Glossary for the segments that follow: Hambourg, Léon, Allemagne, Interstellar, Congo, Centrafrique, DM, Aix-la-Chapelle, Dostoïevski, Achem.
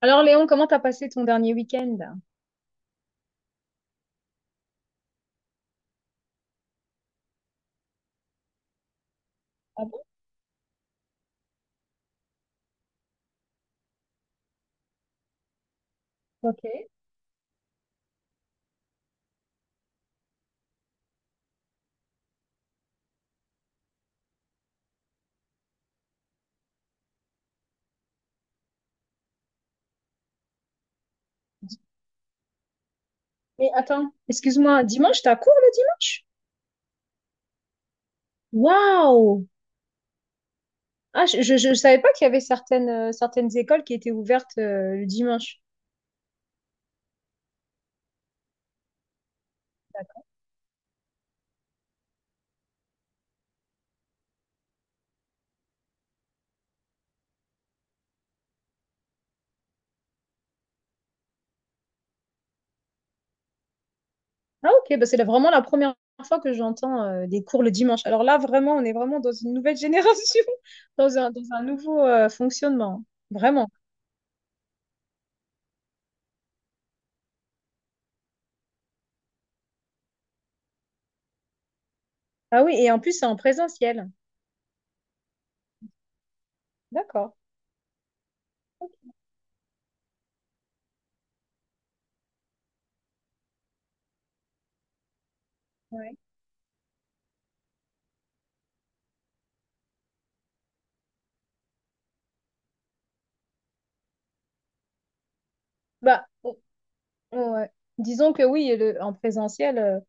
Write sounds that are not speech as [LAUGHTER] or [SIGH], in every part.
Alors Léon, comment t'as passé ton dernier week-end? Ah bon? Ok. Mais attends, excuse-moi, dimanche, t'as cours le dimanche? Waouh! Ah, je savais pas qu'il y avait certaines, certaines écoles qui étaient ouvertes le dimanche. D'accord. Ah ok, bah c'est vraiment la première fois que j'entends des cours le dimanche. Alors là, vraiment, on est vraiment dans une nouvelle [LAUGHS] génération, dans un nouveau fonctionnement. Vraiment. Ah oui, et en plus, c'est en présentiel. D'accord. Ouais. Bah, ouais. Disons que oui, en présentiel.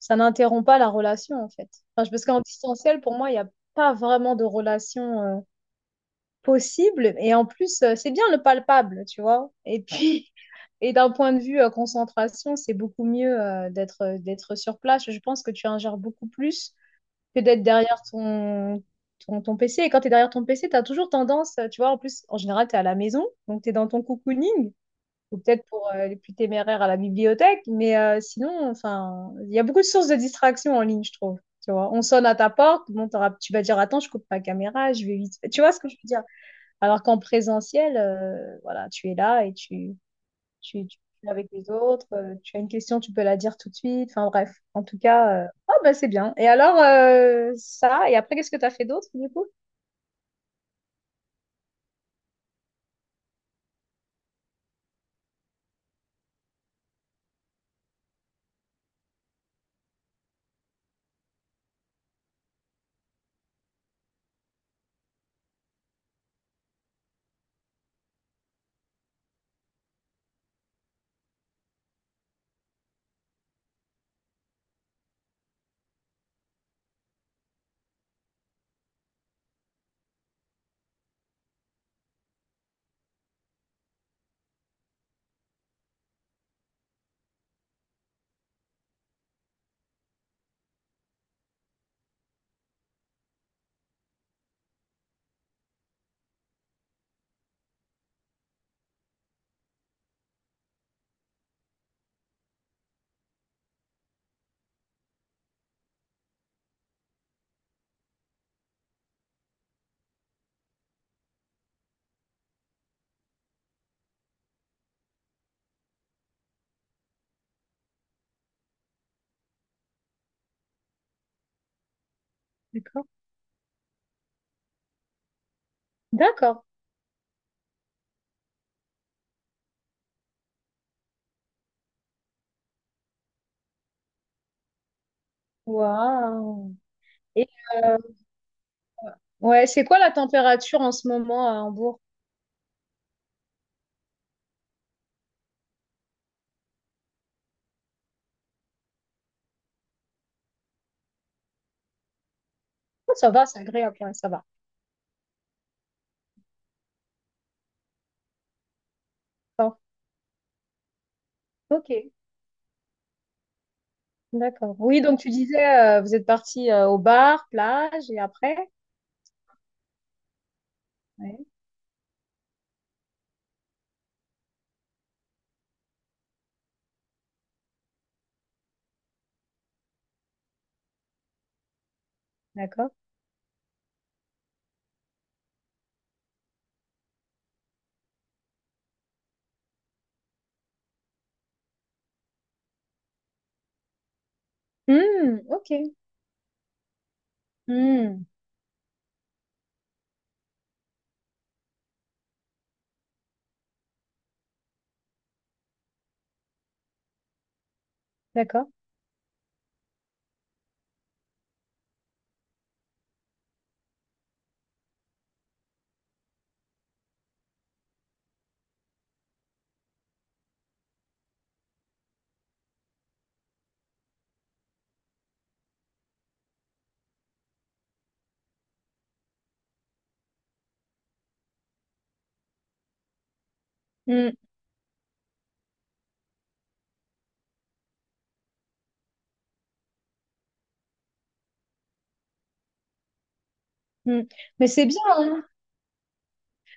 Ça n'interrompt pas la relation, en fait. Enfin, parce qu'en distanciel, pour moi, il n'y a pas vraiment de relation possible. Et en plus, c'est bien le palpable, tu vois. Et puis, [LAUGHS] et d'un point de vue concentration, c'est beaucoup mieux d'être sur place. Je pense que tu ingères beaucoup plus que d'être derrière ton PC. Et quand tu es derrière ton PC, tu as toujours tendance, tu vois, en plus, en général, tu es à la maison, donc tu es dans ton cocooning ou peut-être pour les plus téméraires à la bibliothèque, mais sinon, enfin, il y a beaucoup de sources de distraction en ligne, je trouve. Tu vois, on sonne à ta porte, bon, tu vas dire attends, je coupe ma caméra, je vais vite. Tu vois ce que je veux dire? Alors qu'en présentiel, voilà, tu es là et tu es avec les autres, tu as une question, tu peux la dire tout de suite. Enfin bref, en tout cas, bah, c'est bien. Et alors, ça, et après, qu'est-ce que tu as fait d'autre du coup? D'accord. D'accord. Waouh. Et euh, ouais, c'est quoi la température en ce moment à Hambourg? Ah, ça va, c'est agréable, ouais, ça va. Bon, ok, d'accord. Oui, donc tu disais, vous êtes parti au bar, plage, et après? Ouais, d'accord. Hmm, ok. Hmm, d'accord. Hmm, hmm. Mais c'est bien, hein.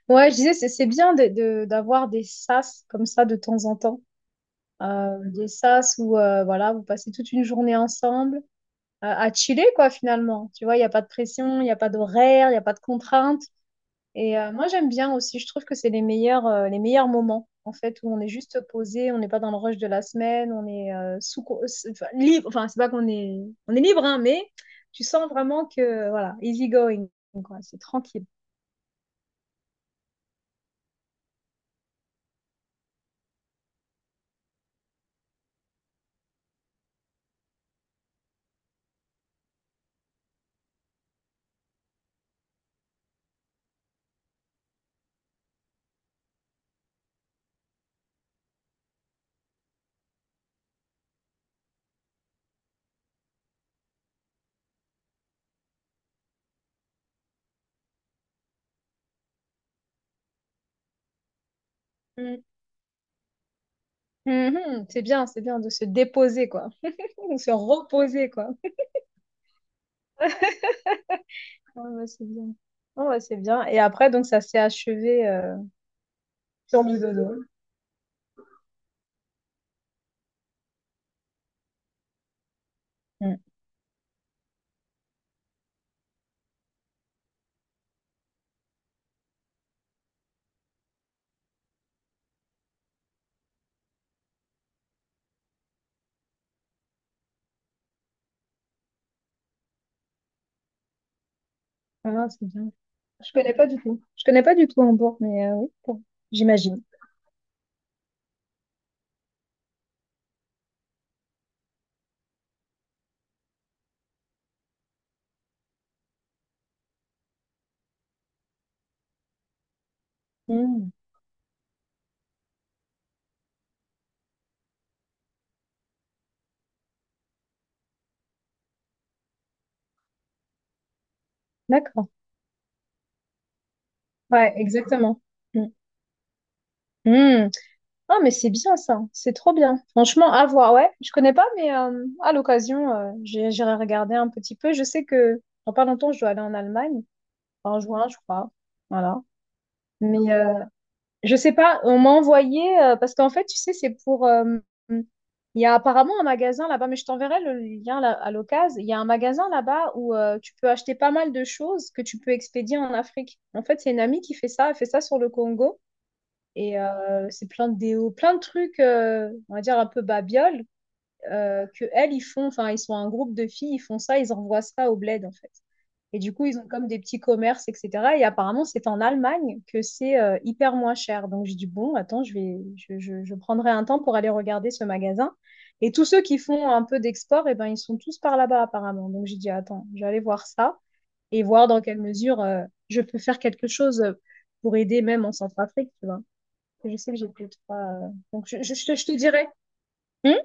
Ouais, je disais, c'est bien de, d'avoir des sas comme ça de temps en temps. Des sas où, voilà, vous passez toute une journée ensemble, à chiller, quoi, finalement. Tu vois, il n'y a pas de pression, il n'y a pas d'horaire, il n'y a pas de contrainte. Et moi, j'aime bien aussi. Je trouve que c'est les meilleurs moments, en fait, où on est juste posé, on n'est pas dans le rush de la semaine, on est enfin, libre. Enfin, c'est pas qu'on est, on est libre, hein, mais tu sens vraiment que, voilà, easy going, quoi. C'est tranquille. Mm. Mhm. C'est bien de se déposer, quoi. [LAUGHS] De se reposer, quoi. [LAUGHS] Ouais, ouais, c'est bien. Ouais, ouais, c'est bien. Et après, donc, ça s'est achevé sur le dodo. Mm. Ouais, non, c'est bien. Je connais pas du tout. Je connais pas du tout Hambourg, mais oui, bon, j'imagine. Mm. D'accord. Ouais, exactement. Mm. Mm. Ah, mais c'est bien ça. C'est trop bien. Franchement, à voir. Ouais, je connais pas, mais à l'occasion, j'irai regarder un petit peu. Je sais que dans pas longtemps, je dois aller en Allemagne. En juin, je crois. Voilà. Mais je sais pas, on m'a envoyé, parce qu'en fait, tu sais, c'est pour... il y a apparemment un magasin là-bas, mais je t'enverrai le lien à l'occasion. Il y a un magasin là-bas où tu peux acheter pas mal de choses que tu peux expédier en Afrique. En fait, c'est une amie qui fait ça, elle fait ça sur le Congo. Et c'est plein de déos, plein de trucs, on va dire un peu babioles, que elles, ils font, enfin, ils sont un groupe de filles, ils font ça, ils envoient ça au bled, en fait. Et du coup, ils ont comme des petits commerces, etc. Et apparemment, c'est en Allemagne que c'est hyper moins cher. Donc, j'ai dit, bon, attends, je vais, je prendrai un temps pour aller regarder ce magasin. Et tous ceux qui font un peu d'export, eh ben, ils sont tous par là-bas, apparemment. Donc, j'ai dit, attends, je vais aller voir ça et voir dans quelle mesure je peux faire quelque chose pour aider même en Centrafrique, tu vois. Je sais que j'ai plus de trois. Donc, je te dirai. Hmm.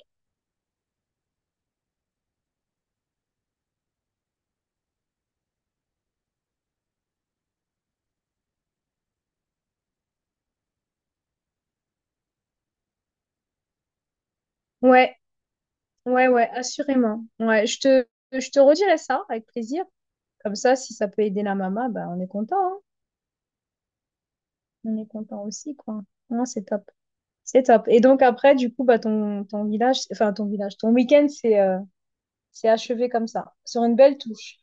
Ouais. Ouais, ouais, assurément. Ouais, je te redirai ça avec plaisir. Comme ça, si ça peut aider la maman, bah, on est content, hein. On est content aussi, quoi. Non, c'est top. C'est top. Et donc après, du coup, bah, ton, ton village, enfin ton village, ton week-end, c'est achevé comme ça, sur une belle touche.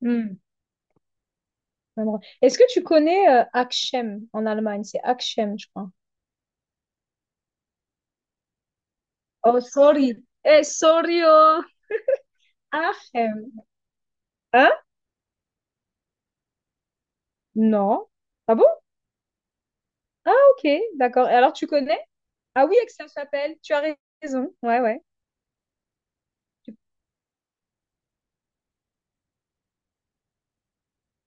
Hmm. Vraiment. Est-ce que tu connais Achem en Allemagne? C'est Achem, je crois. Oh, sorry. Eh, sorry, oh. Achem. Hein? Non. Ah bon? Ah, ok, d'accord. Et alors, tu connais? Ah oui, Aix-la-Chapelle, tu as raison. Ouais, ouais.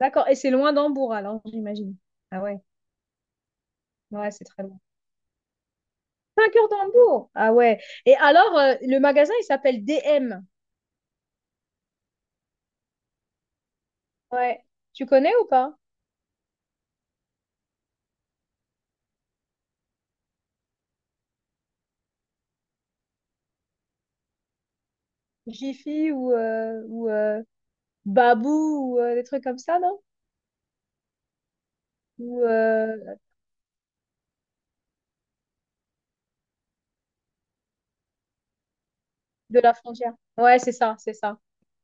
D'accord. Et c'est loin d'Hambourg, alors, j'imagine. Ah ouais, ouais, c'est très loin. 5 heures d'Hambourg. Ah ouais. Et alors, le magasin, il s'appelle DM. Ouais. Tu connais ou pas? Jiffy ou, Babou ou des trucs comme ça, non? Ou de la frontière. Ouais, c'est ça, c'est ça.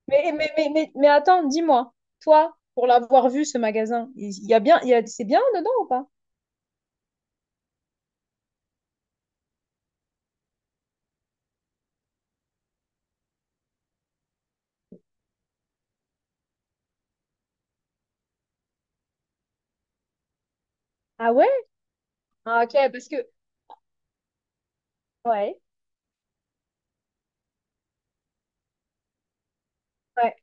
Mais attends, dis-moi, toi, pour l'avoir vu, ce magasin, il y a bien, c'est bien dedans ou pas? Ah ouais? Ah ok, parce que... Ouais. Ouais.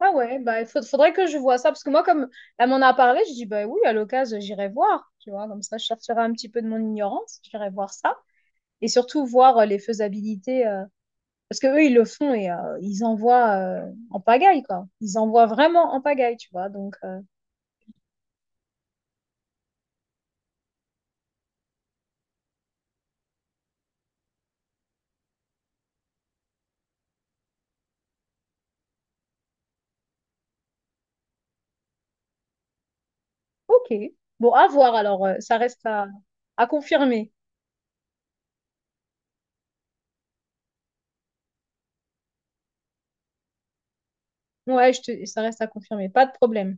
Ah ouais, bah, faudrait que je vois ça, parce que moi, comme elle m'en a parlé, je dis, bah oui, à l'occasion, j'irai voir, tu vois, comme ça, je sortirai un petit peu de mon ignorance, j'irai voir ça, et surtout voir les faisabilités, parce que eux, ils le font et ils envoient en pagaille, quoi. Ils envoient vraiment en pagaille, tu vois, donc, ok. Bon, à voir, alors, ça reste à confirmer. Ouais, ça reste à confirmer, pas de problème.